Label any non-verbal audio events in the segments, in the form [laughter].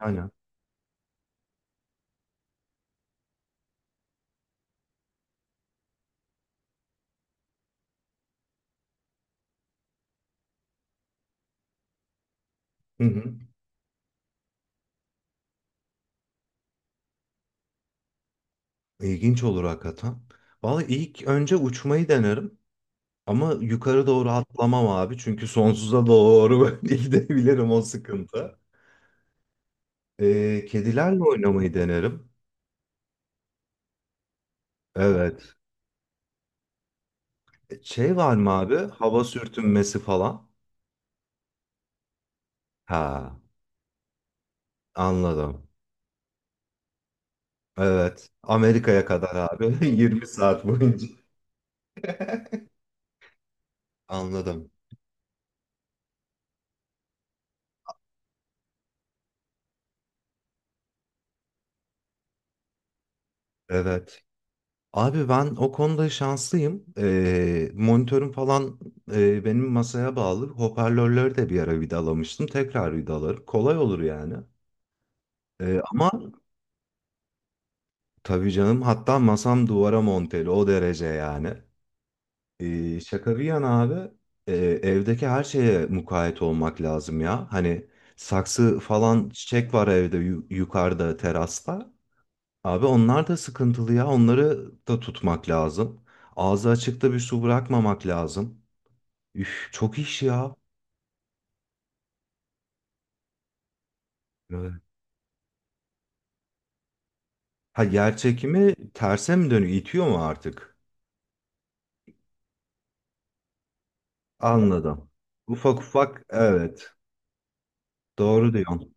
Aynen. Hı hı. İlginç olur hakikaten. Valla ilk önce uçmayı denerim. Ama yukarı doğru atlamam abi. Çünkü sonsuza doğru [laughs] böyle gidebilirim o sıkıntı. Kedilerle oynamayı denerim. Evet. Şey var mı abi? Hava sürtünmesi falan. Ha, anladım. Evet. Amerika'ya kadar abi. [laughs] 20 saat boyunca. [laughs] Anladım. Evet. Abi ben o konuda şanslıyım. Monitörüm falan benim masaya bağlı. Hoparlörleri de bir ara vidalamıştım. Tekrar vidalarım. Kolay olur yani. Ama tabii canım, hatta masam duvara monteli o derece yani. Şaka bir yana abi, evdeki her şeye mukayyet olmak lazım ya. Hani saksı falan çiçek var evde yukarıda terasta. Abi onlar da sıkıntılı ya. Onları da tutmak lazım. Ağzı açıkta bir su bırakmamak lazım. Üf, çok iş ya. Evet. Ha, yer çekimi terse mi dönüyor? İtiyor mu artık? Anladım. Ufak ufak, evet. Doğru diyorsun.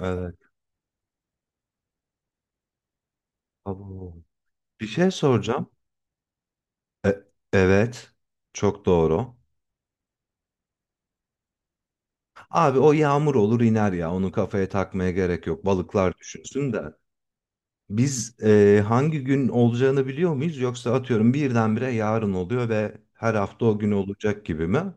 Evet. Abo. Bir şey soracağım. E- evet. Çok doğru. Abi o yağmur olur iner ya. Onu kafaya takmaya gerek yok. Balıklar düşünsün de. Biz hangi gün olacağını biliyor muyuz? Yoksa atıyorum birdenbire yarın oluyor ve her hafta o gün olacak gibi mi?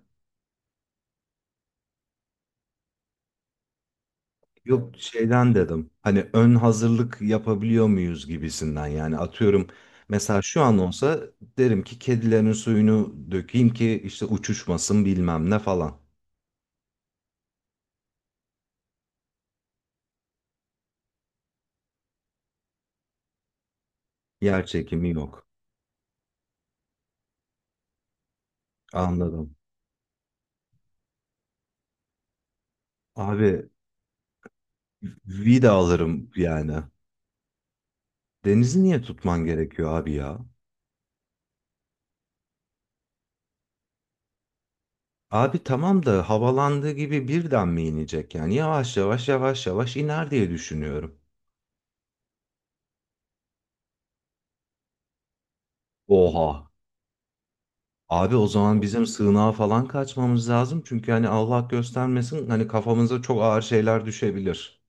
Yok, şeyden dedim. Hani ön hazırlık yapabiliyor muyuz gibisinden yani, atıyorum mesela şu an olsa derim ki kedilerin suyunu dökeyim ki işte uçuşmasın, bilmem ne falan. Yer çekimi yok. Anladım. Abi vida alırım yani. Denizi niye tutman gerekiyor abi ya? Abi tamam da havalandığı gibi birden mi inecek yani? Yavaş yavaş yavaş yavaş iner diye düşünüyorum. Oha. Abi o zaman bizim sığınağa falan kaçmamız lazım. Çünkü hani Allah göstermesin, hani kafamıza çok ağır şeyler düşebilir.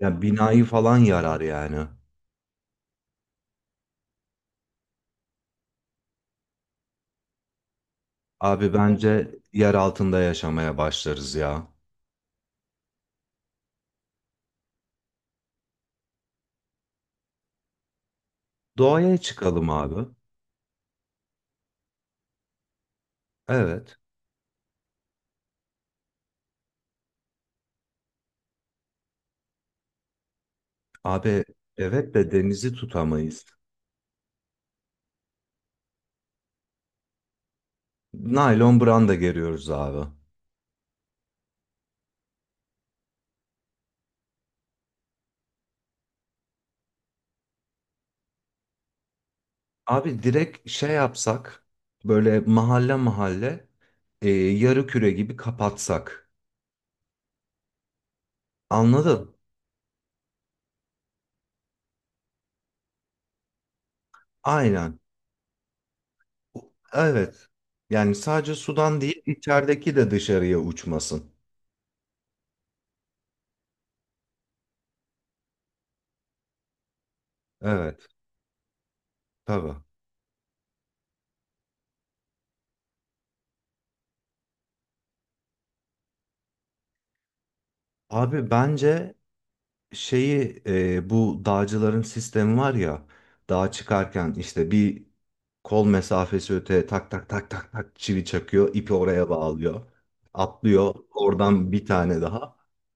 Yani binayı falan yarar yani. Abi bence yer altında yaşamaya başlarız ya. Doğaya çıkalım abi. Evet. Abi evet de denizi tutamayız. Naylon branda geriyoruz abi. Abi direkt şey yapsak, böyle mahalle mahalle, yarı küre gibi kapatsak. Anladın? Aynen. Evet. Yani sadece sudan değil, içerideki de dışarıya uçmasın. Evet. Tabii. Abi bence şeyi, bu dağcıların sistemi var ya, dağa çıkarken işte bir kol mesafesi öte tak tak tak tak tak çivi çakıyor, ipi oraya bağlıyor, atlıyor, oradan bir tane daha,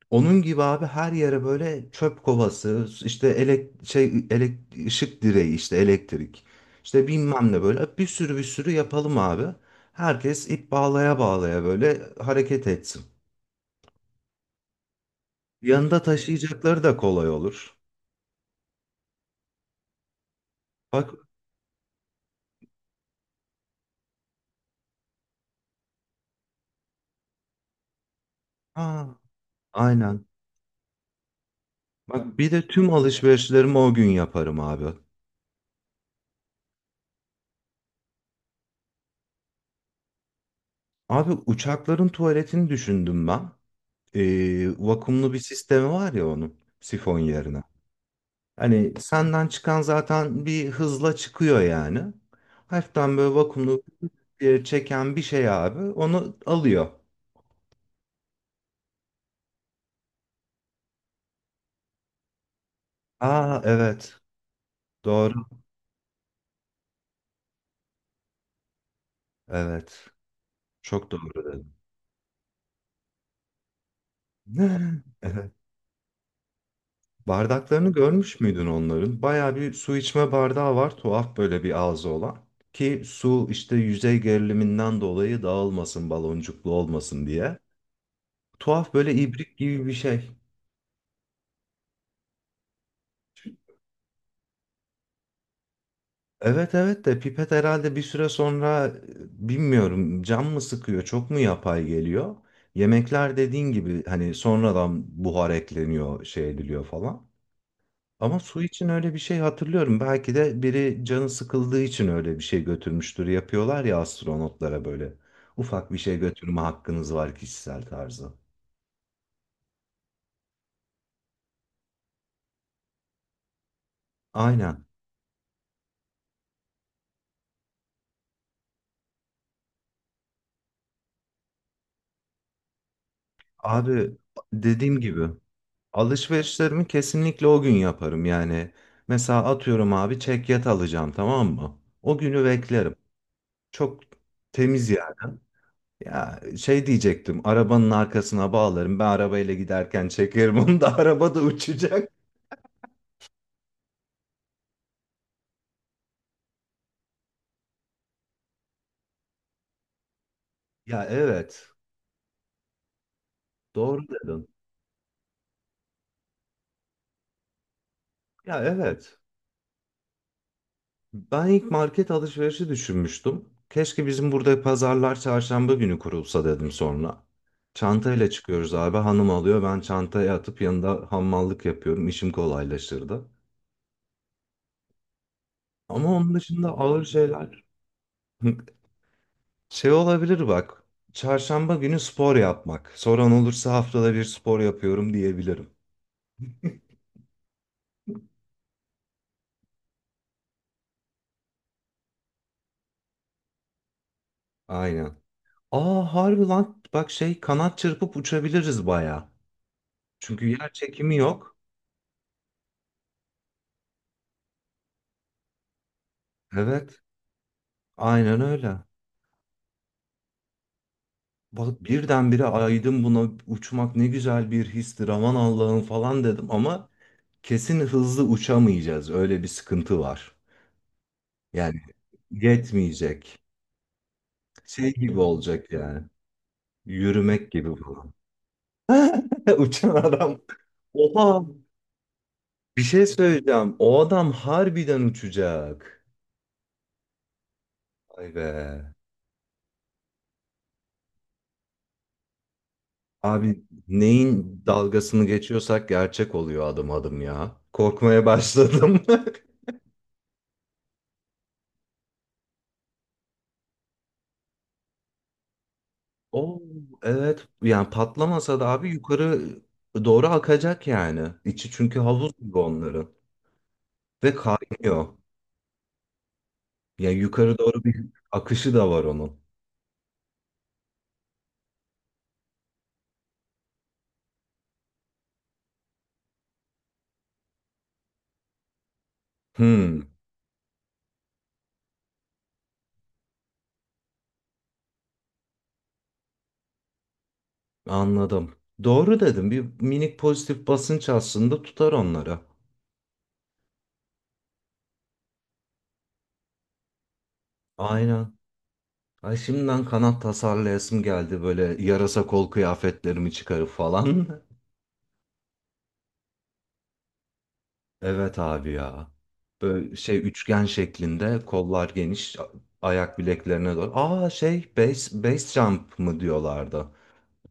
onun gibi abi. Her yere böyle çöp kovası, işte elek, şey elek, ışık direği, işte elektrik, işte bilmem ne, böyle bir sürü bir sürü yapalım abi. Herkes ip bağlaya bağlaya böyle hareket etsin. Yanında taşıyacakları da kolay olur. Bak. Aa, aynen. Bak bir de tüm alışverişlerimi o gün yaparım abi. Abi uçakların tuvaletini düşündüm ben. Vakumlu bir sistemi var ya onun, sifon yerine. Hani senden çıkan zaten bir hızla çıkıyor yani. Hafiften böyle vakumlu bir çeken bir şey abi onu alıyor. Aa evet, doğru, evet, çok doğru dedim. [laughs] Evet. Bardaklarını görmüş müydün onların? Baya bir su içme bardağı var, tuhaf böyle bir ağzı olan. Ki su işte yüzey geriliminden dolayı dağılmasın, baloncuklu olmasın diye. Tuhaf böyle ibrik gibi bir şey. Evet evet de pipet herhalde bir süre sonra, bilmiyorum, cam mı sıkıyor, çok mu yapay geliyor? Yemekler dediğin gibi hani sonradan buhar ekleniyor, şey ediliyor falan. Ama su için öyle bir şey hatırlıyorum. Belki de biri canı sıkıldığı için öyle bir şey götürmüştür. Yapıyorlar ya astronotlara böyle. Ufak bir şey götürme hakkınız var kişisel tarzı. Aynen. Abi dediğim gibi alışverişlerimi kesinlikle o gün yaparım. Yani mesela atıyorum abi, çekyat alacağım tamam mı? O günü beklerim. Çok temiz yani. Ya şey diyecektim, arabanın arkasına bağlarım. Ben arabayla giderken çekerim onu da, [laughs] araba da uçacak. Ya evet. Doğru dedin. Ya evet. Ben ilk market alışverişi düşünmüştüm. Keşke bizim burada pazarlar çarşamba günü kurulsa dedim sonra. Çantayla çıkıyoruz abi. Hanım alıyor. Ben çantaya atıp yanında hamallık yapıyorum. İşim kolaylaşırdı. Ama onun dışında ağır şeyler. [laughs] Şey olabilir bak. Çarşamba günü spor yapmak. Soran olursa haftada bir spor yapıyorum diyebilirim. Aynen. Aa, harbi lan. Bak şey, kanat çırpıp uçabiliriz baya. Çünkü yer çekimi yok. Evet. Aynen öyle. Bak birdenbire aydım buna, uçmak ne güzel bir histir aman Allah'ım falan dedim, ama kesin hızlı uçamayacağız. Öyle bir sıkıntı var. Yani yetmeyecek. Şey gibi olacak yani. Yürümek gibi falan. [laughs] Uçan adam. Oha, bir şey söyleyeceğim. O adam harbiden uçacak. Ay be. Abi neyin dalgasını geçiyorsak gerçek oluyor adım adım ya. Korkmaya başladım. [laughs] Oo, evet, yani patlamasa da abi yukarı doğru akacak yani. İçi çünkü havuz gibi onların. Ve kaynıyor. Yani yukarı doğru bir akışı da var onun. Hmm, anladım. Doğru dedim. Bir minik pozitif basınç aslında tutar onları. Aynen. Ay şimdiden kanat tasarlayasım geldi, böyle yarasa kol kıyafetlerimi çıkarıp falan. [laughs] Evet abi ya. Böyle şey üçgen şeklinde, kollar geniş ayak bileklerine doğru. Aa şey, base, base jump mı diyorlardı.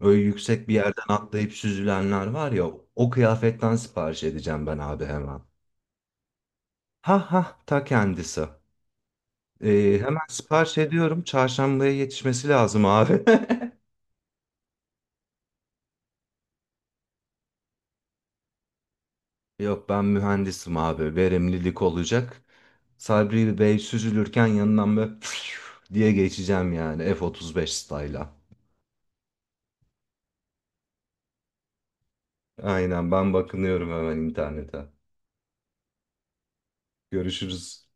Öyle yüksek bir yerden atlayıp süzülenler var ya, o kıyafetten sipariş edeceğim ben abi hemen. Ha ha, ta kendisi. Hemen sipariş ediyorum. Çarşambaya yetişmesi lazım abi. [laughs] Yok, ben mühendisim abi. Verimlilik olacak. Sabri Bey süzülürken yanından böyle [laughs] diye geçeceğim yani, F-35 style'a. Aynen, ben bakınıyorum hemen internete. Görüşürüz.